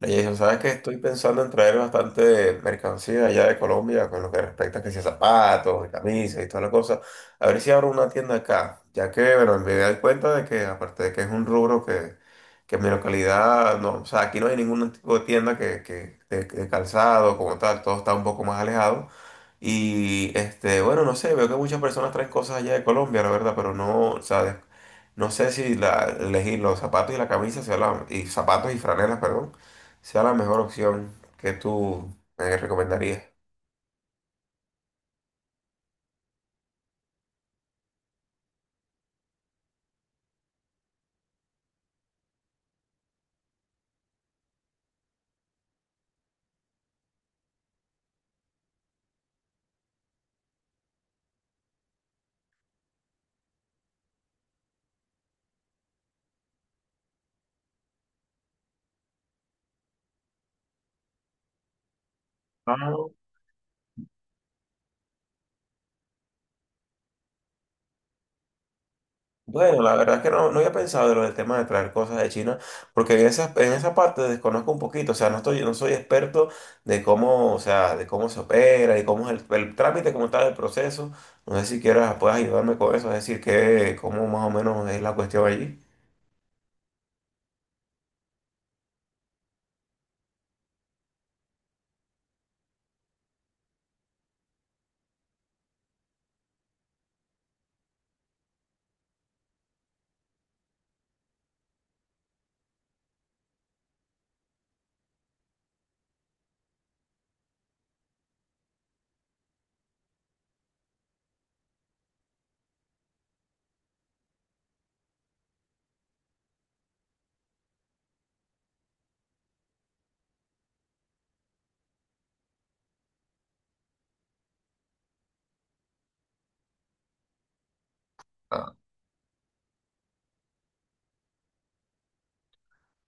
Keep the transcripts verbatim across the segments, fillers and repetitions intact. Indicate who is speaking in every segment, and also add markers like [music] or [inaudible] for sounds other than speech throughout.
Speaker 1: Le dije, ¿sabes qué? Estoy pensando en traer bastante mercancía allá de Colombia con lo que respecta a que sea zapatos, y camisas y toda la cosa. A ver si abro una tienda acá, ya que, bueno, me doy cuenta de que, aparte de que es un rubro que, que en mi localidad, no, o sea, aquí no hay ningún tipo de tienda que, que, de, de calzado como tal, todo está un poco más alejado. Y, este, bueno, no sé, veo que muchas personas traen cosas allá de Colombia, la verdad, pero no, o sea, no sé si la, elegir los zapatos y la camisa sea la, y zapatos y franelas, perdón, sea la mejor opción que tú me recomendarías. Ah, bueno, la verdad es que no, no había pensado en lo del tema de traer cosas de China, porque en esa, en esa parte desconozco un poquito, o sea, no estoy, no soy experto de cómo, o sea, de cómo se opera y cómo es el, el trámite, cómo está el proceso. No sé si quieras, puedas ayudarme con eso, es decir, que, cómo más o menos es la cuestión allí.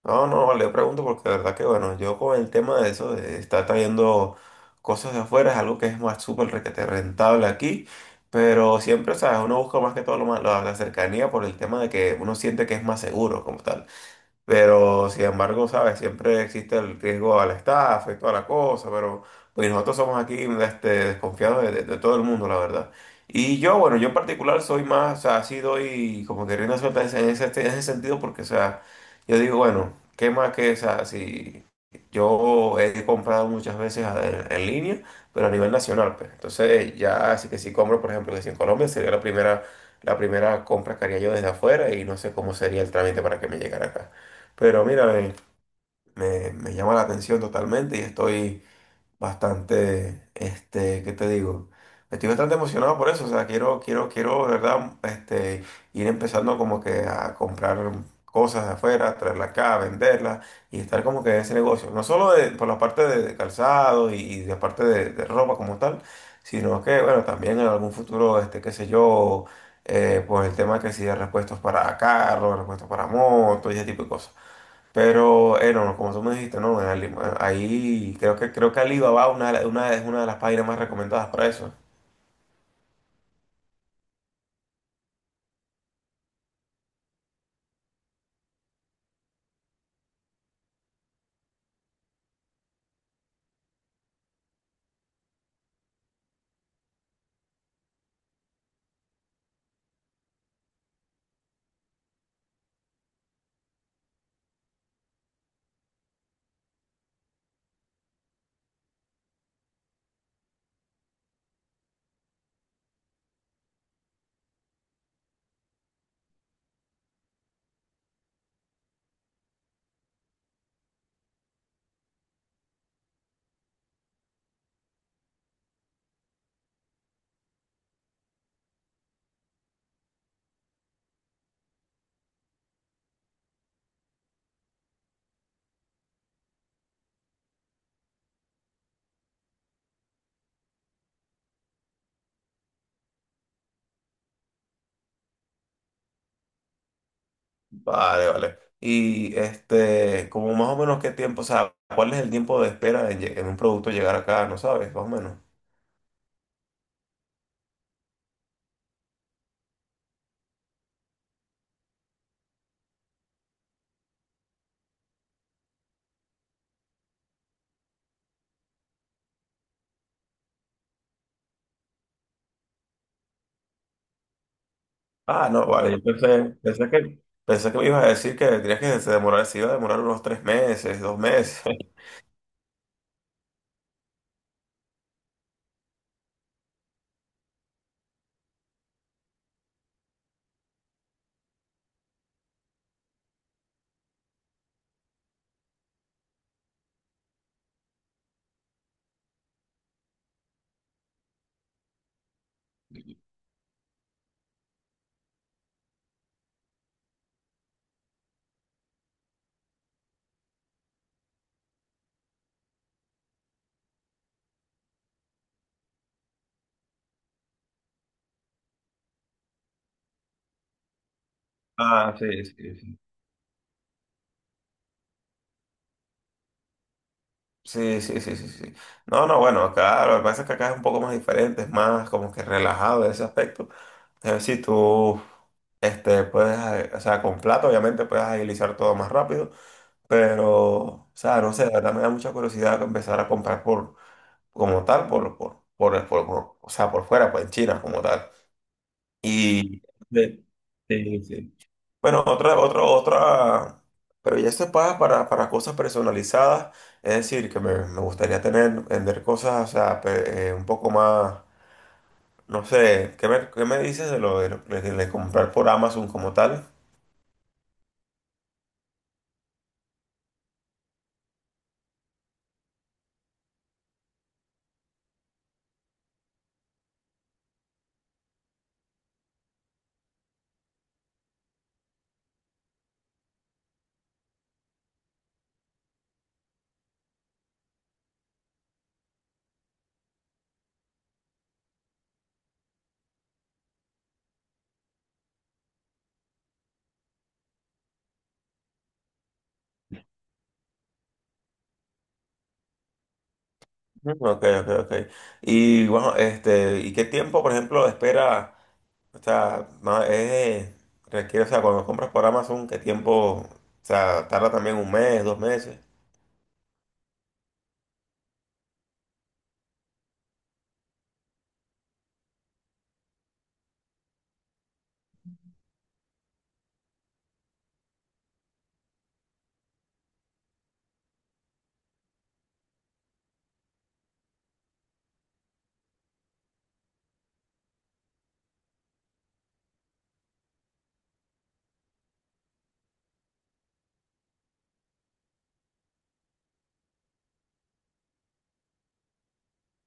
Speaker 1: No, no, vale, yo pregunto porque de verdad que bueno, yo con el tema de eso, de estar trayendo cosas de afuera, es algo que es más súper requete rentable aquí, pero siempre, sabes, uno busca más que todo lo más- la, la cercanía por el tema de que uno siente que es más seguro como tal. Pero sin embargo, ¿sabes? Siempre existe el riesgo a la estafa y toda la cosa, pero pues nosotros somos aquí este, desconfiados de, de- de todo el mundo, la verdad. Y yo, bueno, yo en particular soy más, o sea, así doy como que rienda suelta en ese, en ese- en ese sentido, porque, o sea, yo digo, bueno, ¿qué más que, o sea, si yo he comprado muchas veces a- en, en línea, pero a nivel nacional, pues. Entonces, ya, así que si compro, por ejemplo, que si en Colombia sería la primera, la primera compra que haría yo desde afuera y no sé cómo sería el trámite para que me llegara acá. Pero mira, me, me- me llama la atención totalmente y estoy bastante, este, ¿qué te digo? Estoy bastante emocionado por eso, o sea, quiero, quiero, quiero, de verdad, este, ir empezando como que a comprar cosas de afuera, traerlas acá, venderlas y estar como que en ese negocio. No solo de- por la parte de, de calzado y, y la parte de, de ropa como tal, sino que, bueno, también en algún futuro, este, qué sé yo, eh, pues el tema que si de repuestos para carros, repuestos para motos y ese tipo de cosas. Pero, eh, no, no, como tú me dijiste, no, en Ali- ahí creo que creo que Alibaba una, de la- una, es una de las páginas más recomendadas para eso. Vale, vale. Y este, como más o menos qué tiempo, o sea, ¿cuál es el tiempo de espera en, lle- en un producto llegar acá? No sabes, más o menos. Ah, no, vale, yo pensé, pensé que, pensé que me ibas a decir que tenías que se demorar, se iba a demorar unos tres meses, dos meses. [laughs] Ah, sí, sí, sí. Sí, sí, sí, sí, sí. No, no, bueno, acá lo que pasa es que acá es un poco más diferente, es más como que relajado en ese aspecto. Es decir, tú este, puedes, eh, o sea, con plata obviamente puedes agilizar todo más rápido, pero, o sea, no sé, la verdad me da mucha curiosidad empezar a comprar por, como tal, por, por, por, por- por- o sea, por fuera, pues en China como tal. Y... Sí, sí, sí. Bueno, otra, otra, otra, pero ya se paga para, para cosas personalizadas, es decir, que me, me gustaría tener, vender cosas, o sea, pe- eh, un poco más, no sé, ¿qué me, qué me dices de lo de, lo- de- de comprar por Amazon como tal? Ujú. Ok, ok, ok. Y bueno, este, ¿y qué tiempo, por ejemplo, espera, o sea, ma- eh, requiere, o sea, cuando compras por Amazon, qué tiempo, o sea, tarda también un mes, dos meses?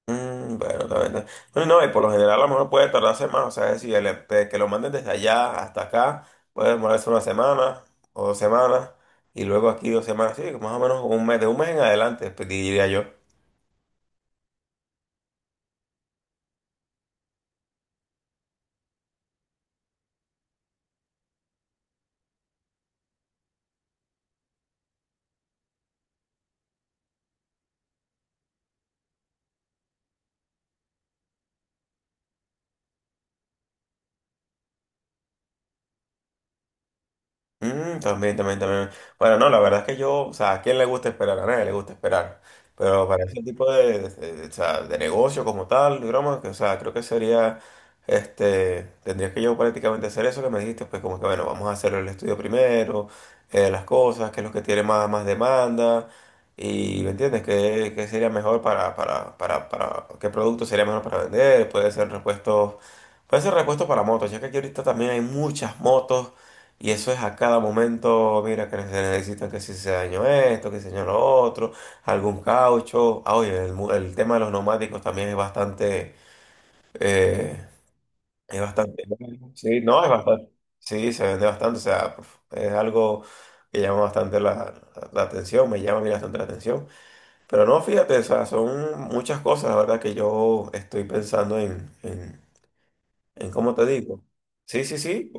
Speaker 1: Mm, bueno, la verdad. Bueno, no, y por lo general a lo mejor puede tardarse más, o sea, es decir, el, em, de que lo manden desde allá hasta acá, puede demorarse una semana o dos semanas, y luego aquí dos semanas, sí, más o menos un mes, de un mes en adelante, pues, diría yo. Mm, también, también, también. Bueno, no, la verdad es que yo, o sea, ¿a quién le gusta esperar? A nadie le gusta esperar. Pero para ese tipo de, de, de- o sea, de negocio como tal, de broma, que, o sea, creo que sería, este, tendría que yo prácticamente hacer eso que me dijiste, pues como que, bueno, vamos a hacer el estudio primero, eh, las cosas, qué es lo que tiene más, más demanda, y, ¿me entiendes? ¿Qué, qué sería mejor para, para, para, para, qué producto sería mejor para vender? Puede ser repuestos, puede ser repuestos para motos, ya que aquí ahorita también hay muchas motos y eso es a cada momento, mira, que se necesita que si se dañó esto, que se dañó lo otro, algún caucho. Ah, oye, el, mu- el tema de los neumáticos también es bastante, eh, es bastante, bueno. Sí, no, es bastante, sí, se vende bastante, o sea, es algo que llama bastante la, la atención, me llama a mí bastante la atención. Pero no, fíjate, o sea, son muchas cosas, la verdad, que yo estoy pensando en, en, en cómo te digo. Sí, sí, sí,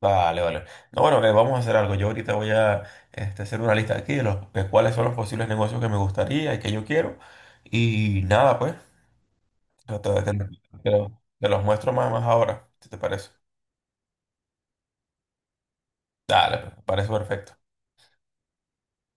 Speaker 1: vale, vale. No, bueno, eh, vamos a hacer algo. Yo ahorita voy a este, hacer una lista aquí de, los, de cuáles son los posibles negocios que me gustaría y que yo quiero. Y nada, pues, te, te- te- te los te los muestro más, más ahora, si te parece. Dale, pues, me parece perfecto.